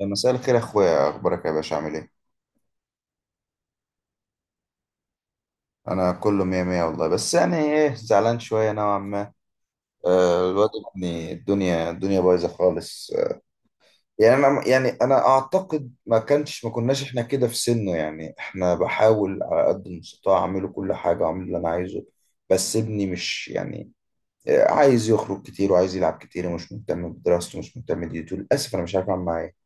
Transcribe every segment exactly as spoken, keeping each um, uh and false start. مساء الخير يا اخويا، اخبارك يا باشا؟ عامل ايه؟ انا كله مية مية والله، بس يعني ايه، زعلان شوية نوعا ما. آه، الواد ابني الدنيا الدنيا بايظة خالص. آه، يعني انا يعني انا اعتقد ما كانش ما كناش احنا كده في سنه، يعني احنا بحاول على قد المستطاع اعمله كل حاجة واعمل اللي انا عايزه. بس ابني مش يعني، آه، عايز يخرج كتير وعايز يلعب كتير ومش مهتم بدراسته ومش مهتم بديته. للاسف انا مش عارف اعمل معاه إيه.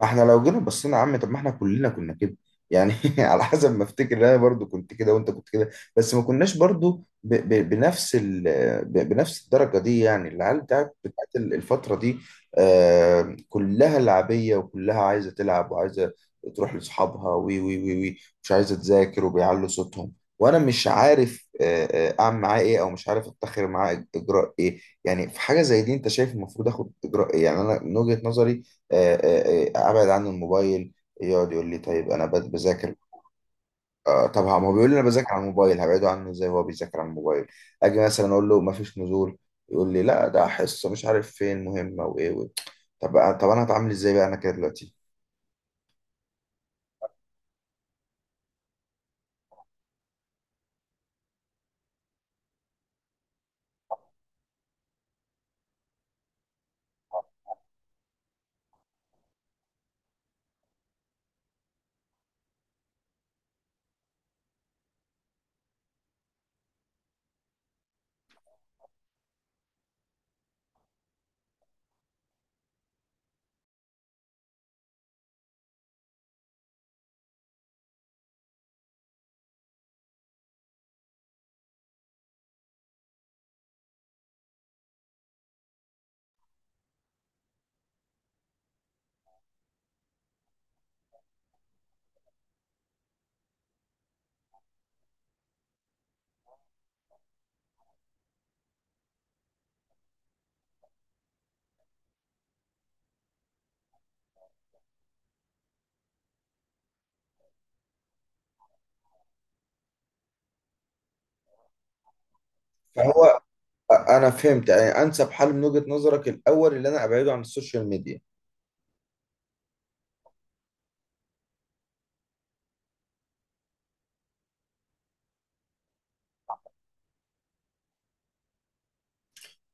ما احنا لو جينا بصينا يا عم، طب ما احنا كلنا كنا كده. يعني على حسب ما افتكر انا برضو كنت كده وانت كنت كده، بس ما كناش برضو ب ب بنفس ال ب بنفس الدرجة دي. يعني العيال بتاعت بتاعت ال- الفترة دي آه كلها لعبية، وكلها عايزة تلعب وعايزة تروح لأصحابها وي وي وي وي مش عايزة تذاكر وبيعلوا صوتهم. وانا مش عارف آه، آه، اعمل معاه ايه، او مش عارف اتخذ معاه اجراء ايه. يعني في حاجة زي دي انت شايف المفروض اخد اجراء ايه؟ يعني انا من وجهة نظري آه، آه، آه، ابعد عنه الموبايل. يقعد يقول لي طيب انا بت- بذاكر. آه، طب ما هو بيقول لي انا بذاكر على الموبايل، هبعده عنه ازاي وهو بيذاكر على الموبايل؟ اجي مثلا اقول له ما فيش نزول، يقول لي لا ده حصه مش عارف فين مهمه وايه و... طب طب انا هتعامل ازاي بقى انا كده دلوقتي؟ فهو، انا فهمت يعني انسب حل من وجهة نظرك الاول اللي انا ابعده عن السوشيال ميديا.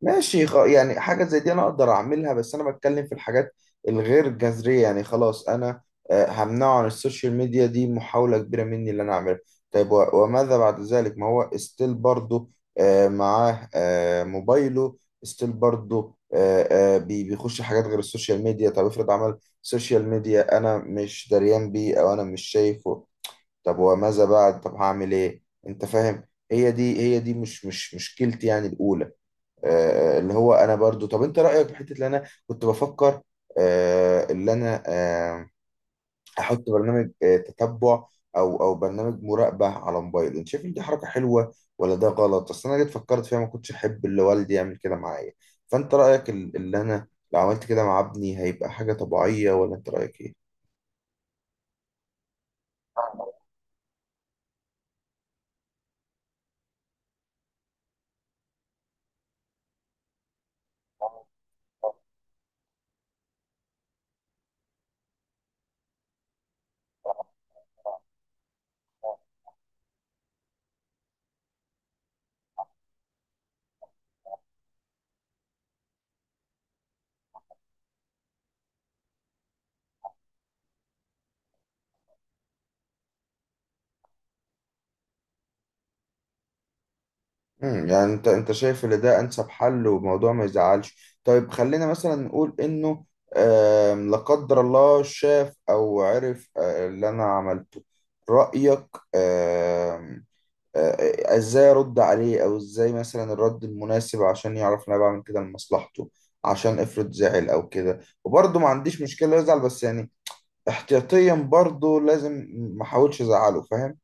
ماشي، خ... يعني حاجة زي دي أنا أقدر أعملها، بس أنا بتكلم في الحاجات الغير جذرية. يعني خلاص أنا آه، همنعه عن السوشيال ميديا، دي محاولة كبيرة مني اللي أنا أعملها. طيب و... وماذا بعد ذلك؟ ما هو ستيل برضه آه، معاه آه، موبايله، ستيل برضه آه، آه، بي- بيخش حاجات غير السوشيال ميديا. طب افرض عمل سوشيال ميديا أنا مش دريان بيه أو أنا مش شايفه، طب وماذا بعد؟ طب هعمل إيه؟ أنت فاهم؟ هي دي هي دي مش مش مشكلتي يعني الأولى. آه، اللي هو انا برضو، طب انت رايك في حته اللي انا كنت بفكر آه، اللي انا آه، احط برنامج آه، تتبع، او او برنامج مراقبه على موبايل؟ انت شايف ان دي حركه حلوه ولا ده غلط؟ اصل انا جيت فكرت فيها، ما كنتش احب اللي والدي يعمل كده معايا. فانت رايك، ال- اللي انا لو عملت كده مع ابني هيبقى حاجه طبيعيه، ولا انت رايك ايه؟ امم، يعني انت انت شايف ان ده انسب حل وموضوع ما يزعلش. طيب خلينا مثلا نقول انه آم، لا قدر الله، شاف او عرف آه، اللي انا عملته، رأيك آم، آه، آه، ازاي ارد عليه؟ او ازاي مثلا الرد المناسب عشان يعرف ان انا بعمل كده لمصلحته؟ عشان افرض زعل او كده، وبرضه ما عنديش مشكلة يزعل، بس يعني احتياطيا برضه لازم ما احاولش ازعله، فاهم؟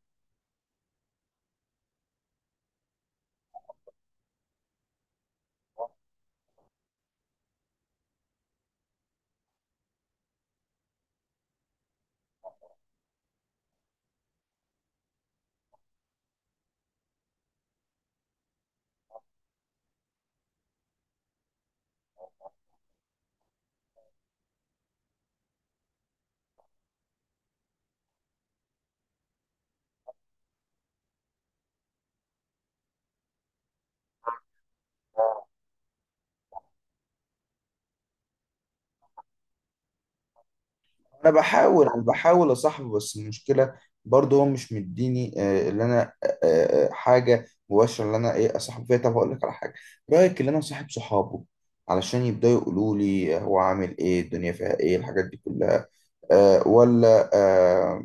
انا بحاول انا بحاول اصاحبه، بس المشكله برضه هو مش مديني آه، اللي انا آه، آه، آه، حاجه مباشره اللي انا ايه اصاحبه فيها. طب هقول لك على حاجه، رايك اللي انا صاحب صحابه علشان يبداوا يقولوا لي هو عامل ايه، الدنيا فيها ايه، الحاجات دي كلها؟ أه ولا أه؟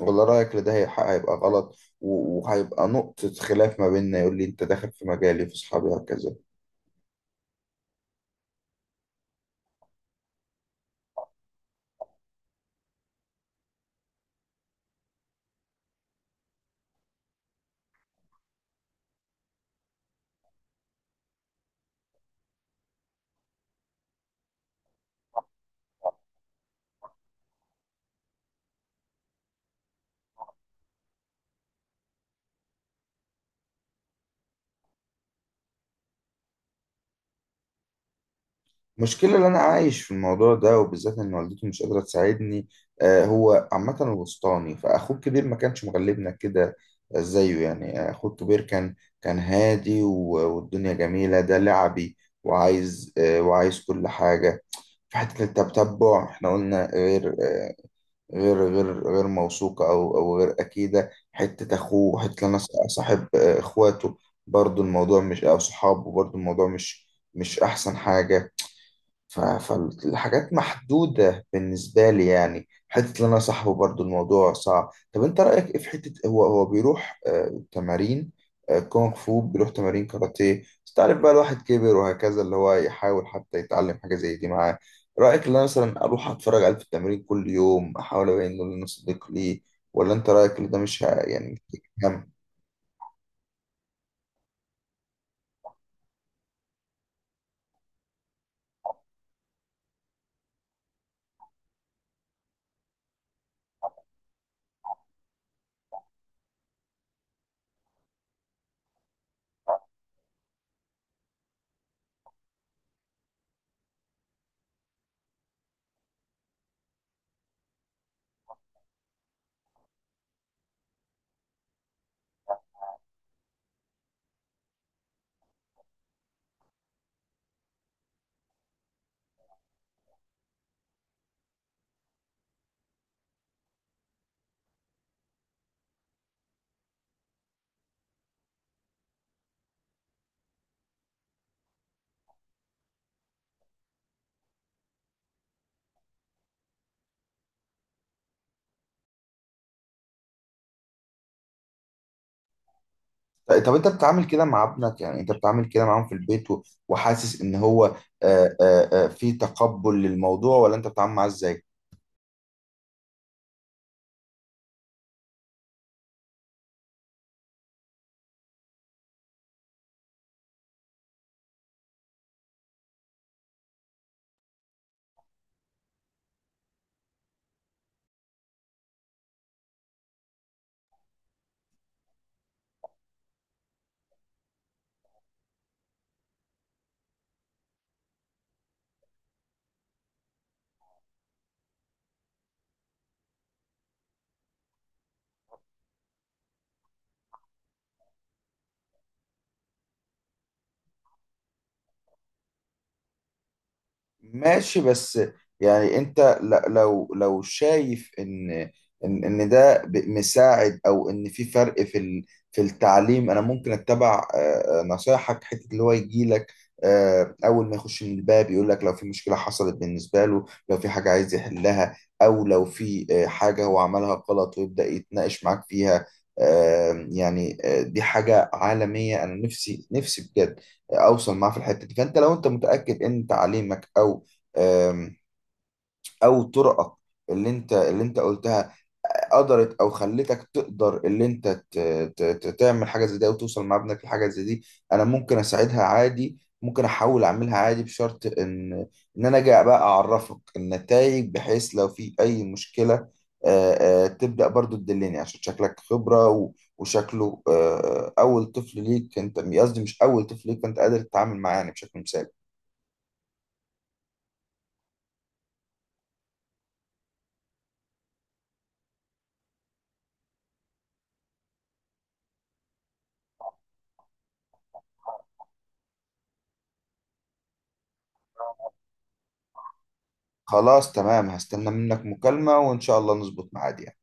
ولا رايك ان ده هي- هيبقى غلط و- وهيبقى نقطه خلاف ما بيننا، يقول لي انت داخل في مجالي في اصحابي وهكذا؟ المشكلة اللي أنا عايش في الموضوع ده، وبالذات إن والدتي مش قادرة تساعدني. آه، هو عامة الوسطاني، فأخوه الكبير ما كانش مغلبنا كده زيه. يعني أخوه الكبير كان كان هادي و- والدنيا جميلة، ده لعبي وعايز آه، وعايز كل حاجة. في حتة التتبع إحنا قلنا غير آه، غير غير غير موثوقة، أو أو غير أكيدة. حتة أخوه، حتة أنا صاحب آه، إخواته برضو الموضوع مش، أو صحابه برضو الموضوع مش مش أحسن حاجة. ف- فالحاجات محدودة بالنسبة لي. يعني حتة إن أنا صاحبه برضو الموضوع صعب. طب أنت رأيك إيه في حتة هو هو بيروح آه، تمارين آه، كونغ فو، بيروح تمارين كاراتيه، بس تعرف بقى الواحد كبر وهكذا، اللي هو يحاول حتى يتعلم حاجة زي دي معاه؟ رأيك إن أنا مثلا أروح أتفرج عليه في التمرين كل يوم، أحاول أبين إنه أنا صديق ليه، ولا أنت رأيك إن ده مش ه- يعني مش هيكمل؟ طيب، طب انت بتتعامل كده مع ابنك؟ يعني انت بتتعامل كده معاهم في البيت، و- وحاسس ان هو آه، آه، آه، في تقبل للموضوع؟ ولا انت بتتعامل معاه ازاي؟ ماشي، بس يعني انت ل- لو لو شايف ان ان ان ده ب- مساعد، او ان في فرق في ال- في التعليم، انا ممكن اتبع آه، آه، نصايحك. حته اللي هو يجي لك آه، اول ما يخش من الباب يقول لك لو في مشكله حصلت بالنسبه له، لو في حاجه عايز يحلها، او لو في آه، حاجه هو عملها غلط ويبدا يتناقش معاك فيها، آه، يعني آه، دي حاجه عالميه، انا نفسي نفسي بجد اوصل معاه في الحته دي. فانت لو انت متاكد ان تعليمك او آم، او طرقك اللي انت اللي انت قلتها قدرت، او خلتك تقدر، اللي انت ت- ت- ت- تعمل حاجه زي دي او توصل مع ابنك لحاجه زي دي، انا ممكن اساعدها عادي، ممكن احاول اعملها عادي، بشرط ان ان انا جاي بقى اعرفك النتائج، بحيث لو في اي مشكله آه، آه، تبدا برضو تدلني، عشان شكلك خبره، و- وشكله آه، اول طفل ليك، انت قصدي مش اول طفل ليك، فانت قادر تتعامل معاه يعني بشكل مثالي. خلاص، تمام، هستنى منك مكالمه، وان شاء الله نظبط ميعاد يعني.